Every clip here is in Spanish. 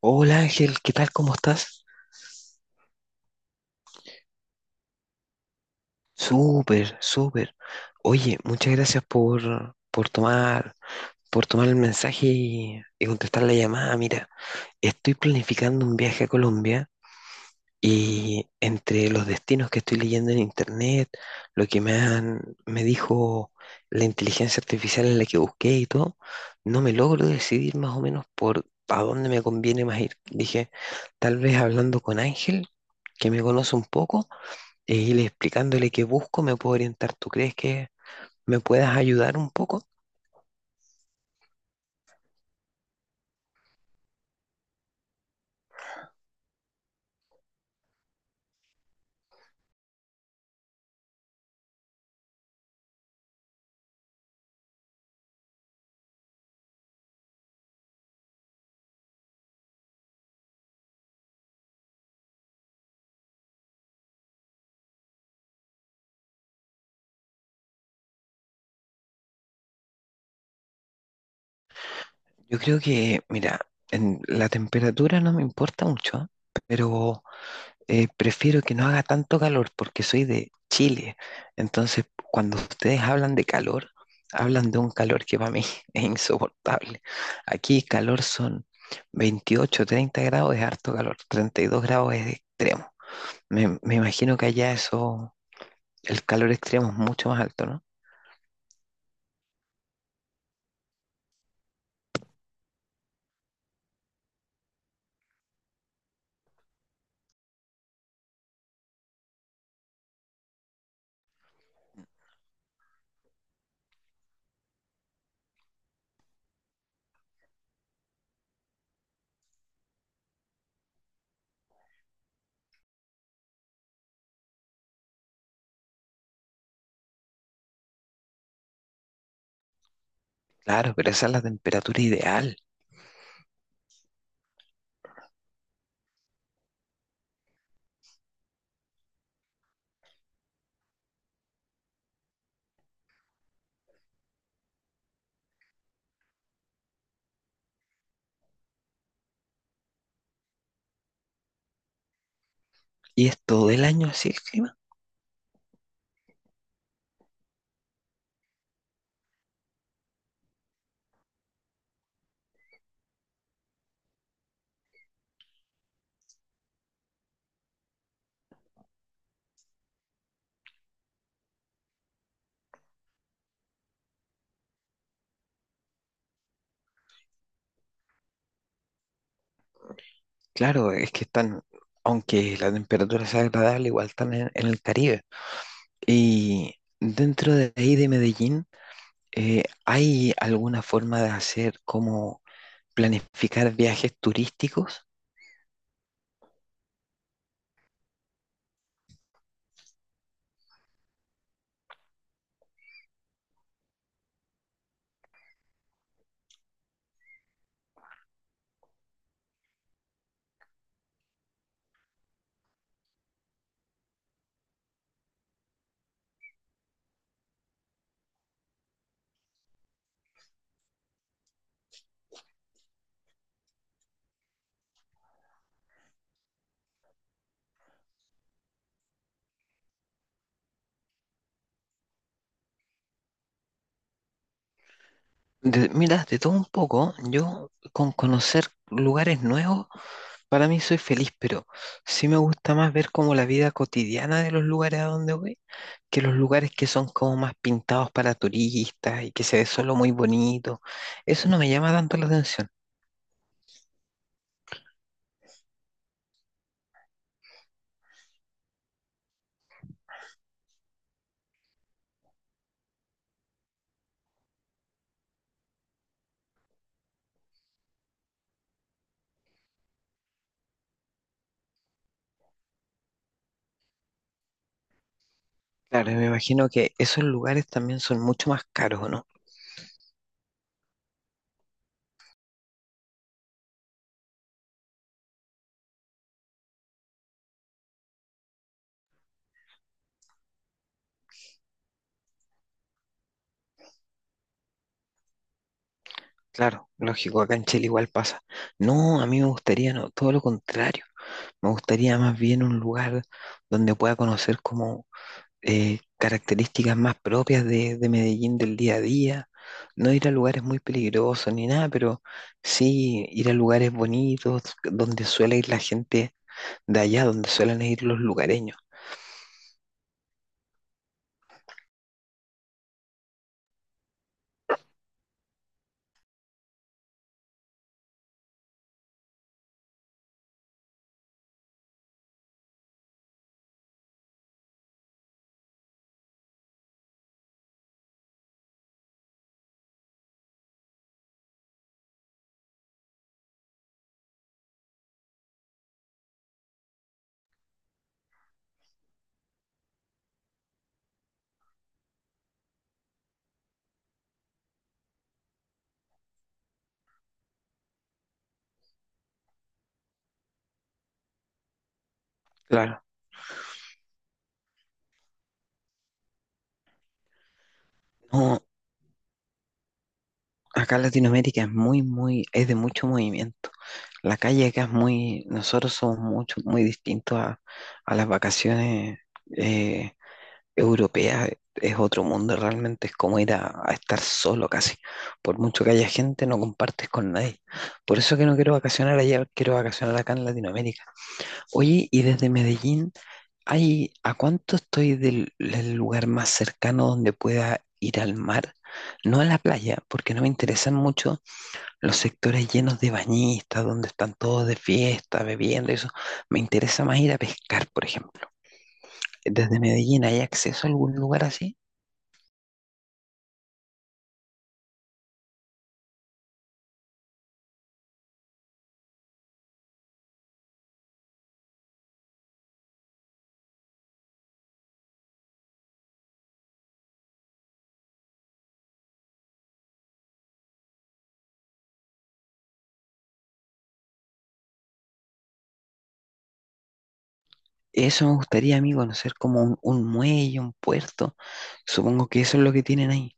Hola Ángel, ¿qué tal? ¿Cómo estás? Súper, súper. Oye, muchas gracias por tomar el mensaje y contestar la llamada. Mira, estoy planificando un viaje a Colombia y entre los destinos que estoy leyendo en internet, lo que me han, me dijo la inteligencia artificial en la que busqué y todo, no me logro decidir más o menos por a dónde me conviene más ir. Dije, tal vez hablando con Ángel, que me conoce un poco e ir explicándole qué busco, me puedo orientar. ¿Tú crees que me puedas ayudar un poco? Yo creo que, mira, en la temperatura no me importa mucho, ¿ah? Pero prefiero que no haga tanto calor porque soy de Chile. Entonces, cuando ustedes hablan de calor, hablan de un calor que para mí es insoportable. Aquí calor son 28, 30 grados es harto calor, 32 grados es extremo. Me imagino que allá eso, el calor extremo es mucho más alto, ¿no? Claro, pero esa es la temperatura ideal. ¿Y es todo el año así el clima? Claro, es que están, aunque la temperatura sea agradable, igual están en el Caribe. Y dentro de ahí de Medellín, ¿hay alguna forma de hacer como planificar viajes turísticos? Mira, de todo un poco, yo con conocer lugares nuevos, para mí soy feliz, pero sí me gusta más ver como la vida cotidiana de los lugares a donde voy que los lugares que son como más pintados para turistas y que se ve solo muy bonito, eso no me llama tanto la atención. Claro, y me imagino que esos lugares también son mucho más caros, ¿o no? Claro, lógico, acá en Chile igual pasa. No, a mí me gustaría, no, todo lo contrario. Me gustaría más bien un lugar donde pueda conocer como características más propias de Medellín del día a día. No ir a lugares muy peligrosos ni nada, pero sí ir a lugares bonitos donde suele ir la gente de allá donde suelen ir los lugareños. Claro. No, acá en Latinoamérica es muy, muy, es de mucho movimiento. La calle acá es muy, nosotros somos mucho, muy distintos a las vacaciones eh, europeas. Es otro mundo realmente, es como ir a estar solo casi. Por mucho que haya gente, no compartes con nadie. Por eso que no quiero vacacionar allá, quiero vacacionar acá en Latinoamérica. Oye, y desde Medellín, ay, ¿a cuánto estoy del lugar más cercano donde pueda ir al mar? No a la playa, porque no me interesan mucho los sectores llenos de bañistas, donde están todos de fiesta, bebiendo, eso. Me interesa más ir a pescar, por ejemplo. Desde Medellín, ¿hay acceso a algún lugar así? Eso me gustaría, amigo, conocer como un muelle, un puerto. Supongo que eso es lo que tienen ahí,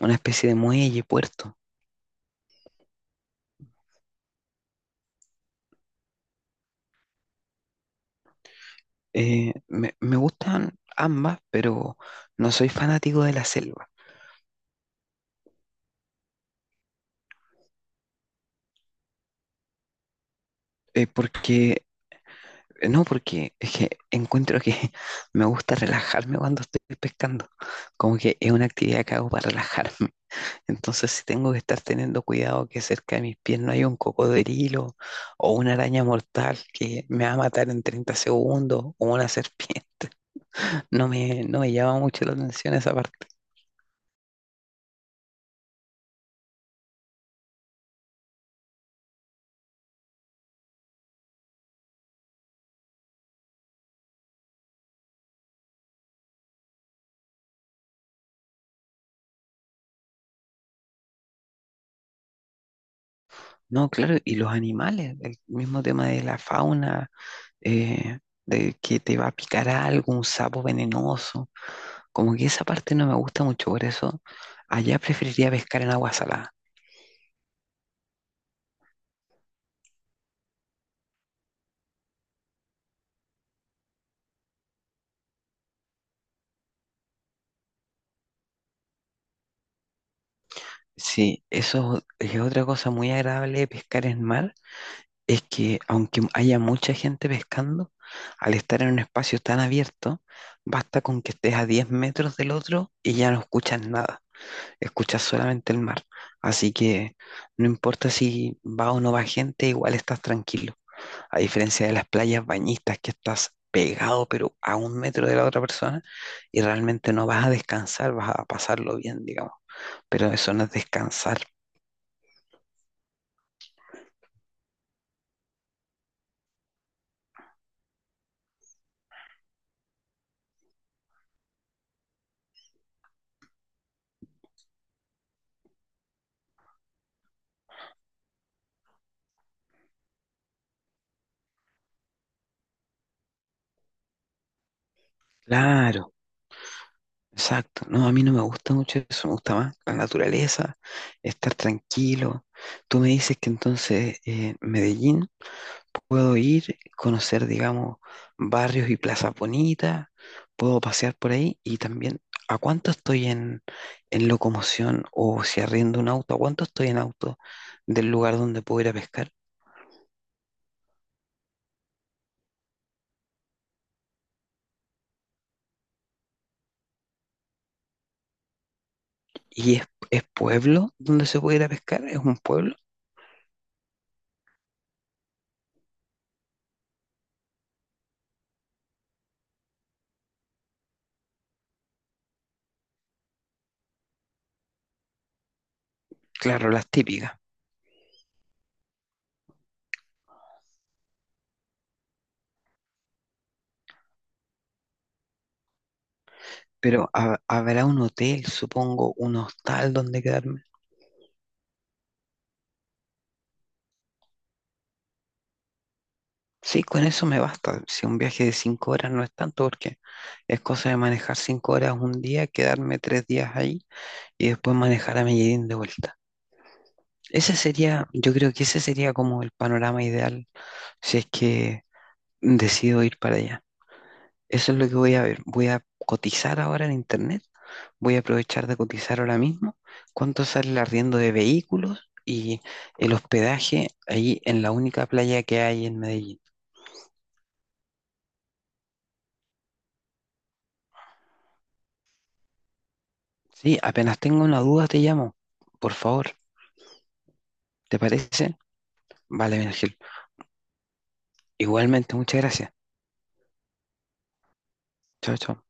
una especie de muelle, puerto. Me gustan ambas, pero no soy fanático de la selva. Porque, no, porque es que encuentro que me gusta relajarme cuando estoy pescando. Como que es una actividad que hago para relajarme. Entonces, si tengo que estar teniendo cuidado que cerca de mis pies no haya un cocodrilo o una araña mortal que me va a matar en 30 segundos o una serpiente, no me llama mucho la atención esa parte. No, claro, y los animales, el mismo tema de la fauna, eh, de que te va a picar algo, un sapo venenoso. Como que esa parte no me gusta mucho, por eso allá preferiría pescar en agua salada. Sí, eso es otra cosa muy agradable de pescar en mar, es que aunque haya mucha gente pescando, al estar en un espacio tan abierto, basta con que estés a 10 metros del otro y ya no escuchas nada, escuchas solamente el mar. Así que no importa si va o no va gente, igual estás tranquilo. A diferencia de las playas bañistas que estás pegado, pero a un metro de la otra persona y realmente no vas a descansar, vas a pasarlo bien, digamos. Pero eso no es descansar. Claro, exacto. No, a mí no me gusta mucho eso, me gusta más la naturaleza, estar tranquilo. Tú me dices que entonces Medellín puedo ir, conocer, digamos, barrios y plazas bonitas, puedo pasear por ahí y también, ¿a cuánto estoy en locomoción o si arriendo un auto? ¿A cuánto estoy en auto del lugar donde puedo ir a pescar? ¿Y es pueblo donde se puede ir a pescar? ¿Es un pueblo? Claro, las típicas. Pero habrá un hotel, supongo, un hostal donde quedarme. Sí, con eso me basta. Si un viaje de 5 horas no es tanto, porque es cosa de manejar 5 horas un día, quedarme 3 días ahí y después manejar a Medellín de vuelta. Ese sería, yo creo que ese sería como el panorama ideal si es que decido ir para allá. Eso es lo que voy a ver. Voy a cotizar ahora en internet. Voy a aprovechar de cotizar ahora mismo cuánto sale el arriendo de vehículos y el hospedaje ahí en la única playa que hay en Medellín. Sí, apenas tengo una duda te llamo. Por favor, ¿te parece? Vale, Ángel. Igualmente, muchas gracias. Chao, chao.